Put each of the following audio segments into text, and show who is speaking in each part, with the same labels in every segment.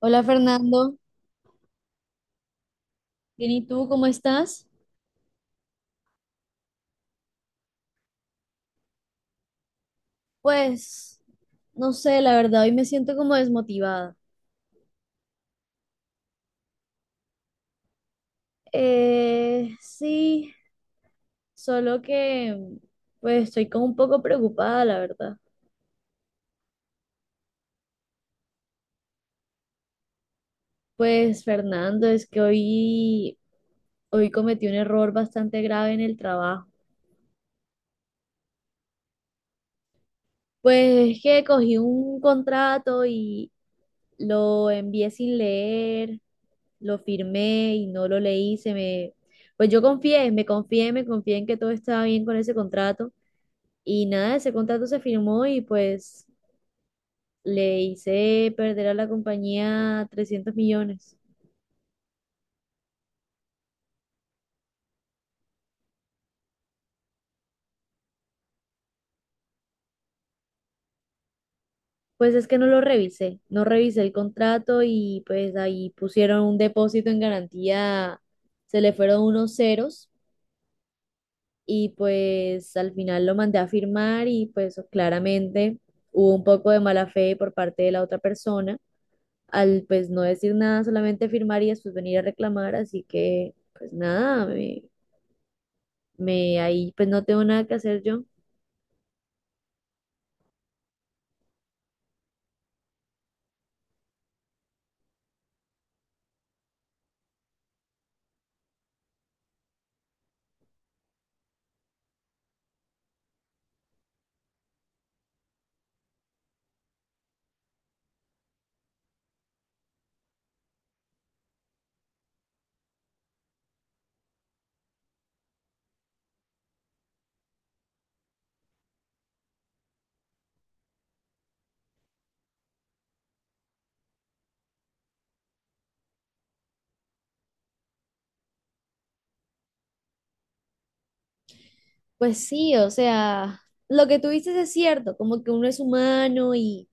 Speaker 1: Hola Fernando, bien y tú, ¿cómo estás? Pues, no sé, la verdad, hoy me siento como desmotivada. Sí, solo que, estoy como un poco preocupada, la verdad. Pues, Fernando, es que hoy cometí un error bastante grave en el trabajo. Pues es que cogí un contrato y lo envié sin leer. Lo firmé y no lo leí, se me, pues yo confié, me confié en que todo estaba bien con ese contrato y nada, ese contrato se firmó y pues le hice perder a la compañía 300 millones. Pues es que no lo revisé, no revisé el contrato y pues ahí pusieron un depósito en garantía, se le fueron unos ceros y pues al final lo mandé a firmar y pues claramente hubo un poco de mala fe por parte de la otra persona al pues no decir nada, solamente firmar y después venir a reclamar, así que pues nada, me ahí pues no tengo nada que hacer yo. Pues sí, o sea, lo que tú dices es cierto, como que uno es humano y,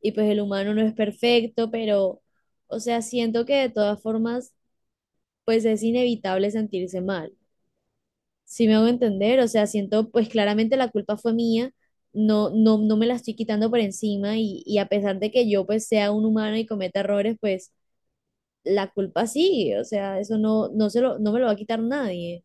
Speaker 1: y pues el humano no es perfecto, pero, o sea, siento que de todas formas, pues es inevitable sentirse mal. Si me hago entender, o sea, siento, pues claramente la culpa fue mía, no, no, no me la estoy quitando por encima y a pesar de que yo pues sea un humano y cometa errores, pues la culpa sigue, o sea, eso no, no me lo va a quitar nadie.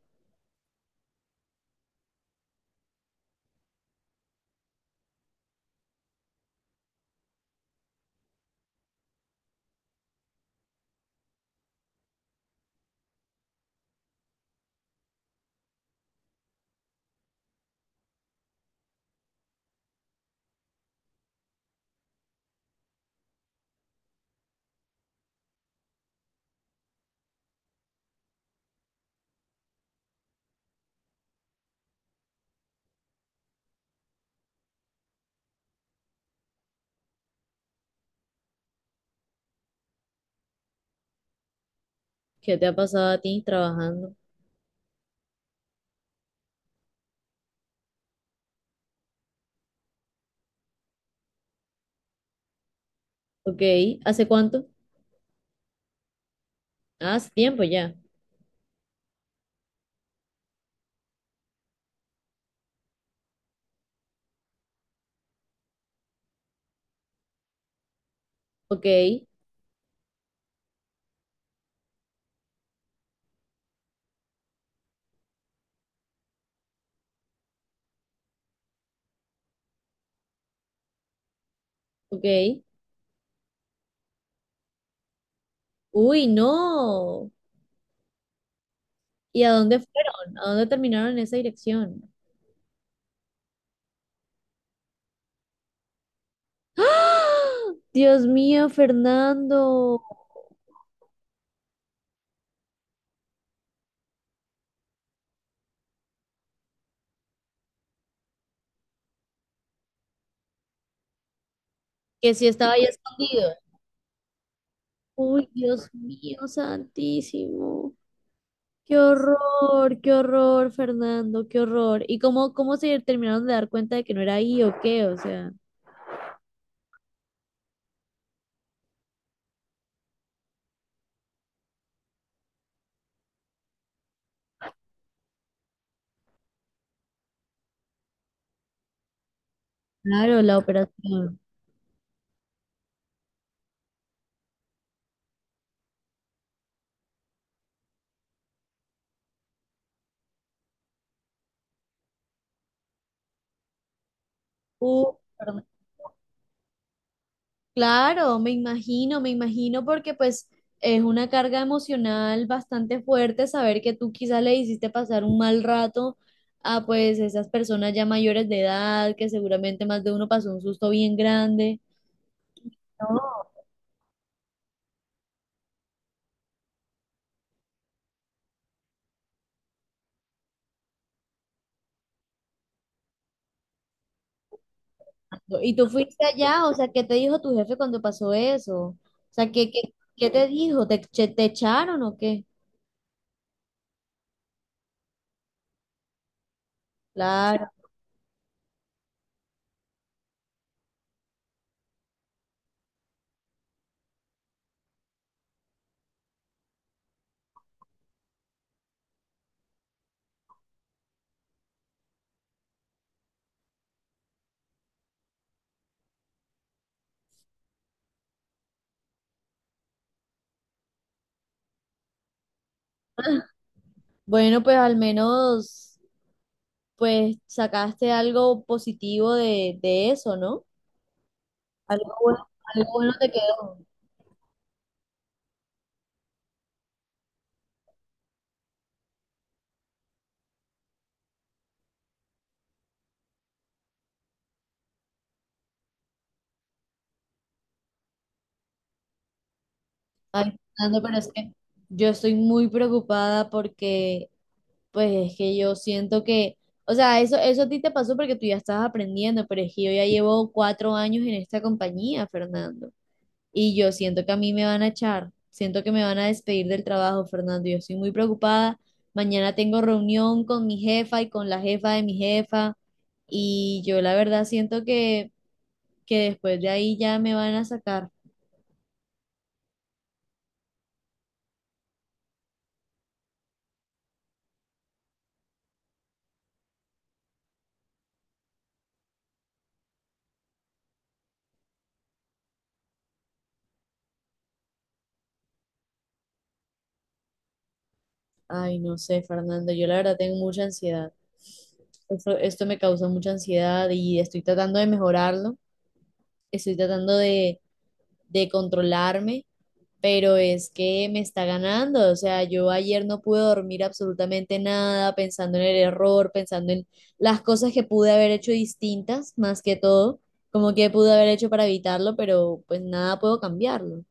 Speaker 1: ¿Qué te ha pasado a ti trabajando? Ok, ¿hace cuánto? Ah, hace tiempo ya. Ok, ok. Uy, no. ¿Y a dónde fueron? ¿A dónde terminaron en esa dirección? ¡Ah! Dios mío, Fernando, que si estaba ahí escondido. Uy, Dios mío, santísimo. Qué horror, Fernando, qué horror. ¿Y cómo se terminaron de dar cuenta de que no era ahí o qué? O sea, claro, la operación. Perdón. Claro, me imagino porque pues es una carga emocional bastante fuerte saber que tú quizás le hiciste pasar un mal rato a pues esas personas ya mayores de edad, que seguramente más de uno pasó un susto bien grande. No. ¿Y tú fuiste allá? O sea, ¿qué te dijo tu jefe cuando pasó eso? O sea, ¿qué te dijo? ¿Te, te echaron o qué? Claro. Bueno, pues al menos, pues sacaste algo positivo de eso, ¿no? Algo bueno, algo bueno te quedó. Ay, Fernando, pero es que yo estoy muy preocupada porque, pues es que yo siento que, o sea, eso a ti te pasó porque tú ya estabas aprendiendo, pero es que yo ya llevo 4 años en esta compañía, Fernando. Y yo siento que a mí me van a echar, siento que me van a despedir del trabajo, Fernando. Yo estoy muy preocupada. Mañana tengo reunión con mi jefa y con la jefa de mi jefa. Y yo la verdad siento que después de ahí ya me van a sacar. Ay, no sé, Fernando, yo la verdad tengo mucha ansiedad. Esto me causa mucha ansiedad y estoy tratando de mejorarlo. Estoy tratando de controlarme pero es que me está ganando. O sea, yo ayer no pude dormir absolutamente nada, pensando en el error, pensando en las cosas que pude haber hecho distintas, más que todo, como que pude haber hecho para evitarlo, pero pues nada puedo cambiarlo.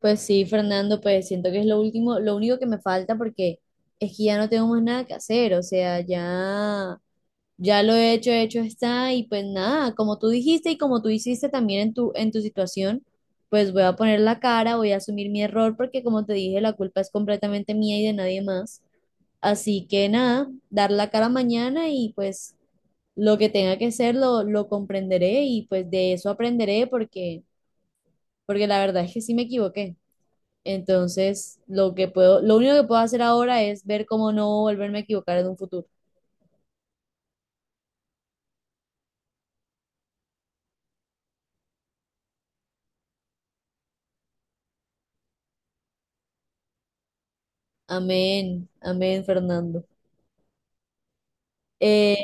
Speaker 1: Pues sí, Fernando, pues siento que es lo último, lo único que me falta porque es que ya no tengo más nada que hacer, o sea, ya. Ya lo he hecho, hecho está, y pues nada, como tú dijiste y como tú hiciste también en tu situación, pues voy a poner la cara, voy a asumir mi error, porque como te dije, la culpa es completamente mía y de nadie más. Así que nada, dar la cara mañana y pues lo que tenga que ser lo comprenderé y pues de eso aprenderé porque la verdad es que sí me equivoqué. Entonces, lo único que puedo hacer ahora es ver cómo no volverme a equivocar en un futuro. Amén, amén, Fernando. Eh,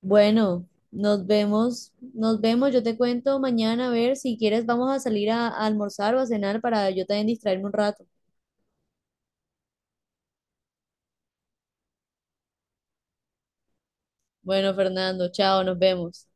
Speaker 1: Bueno, nos vemos, yo te cuento mañana a ver si quieres vamos a salir a almorzar o a cenar para yo también distraerme un rato. Bueno, Fernando, chao, nos vemos.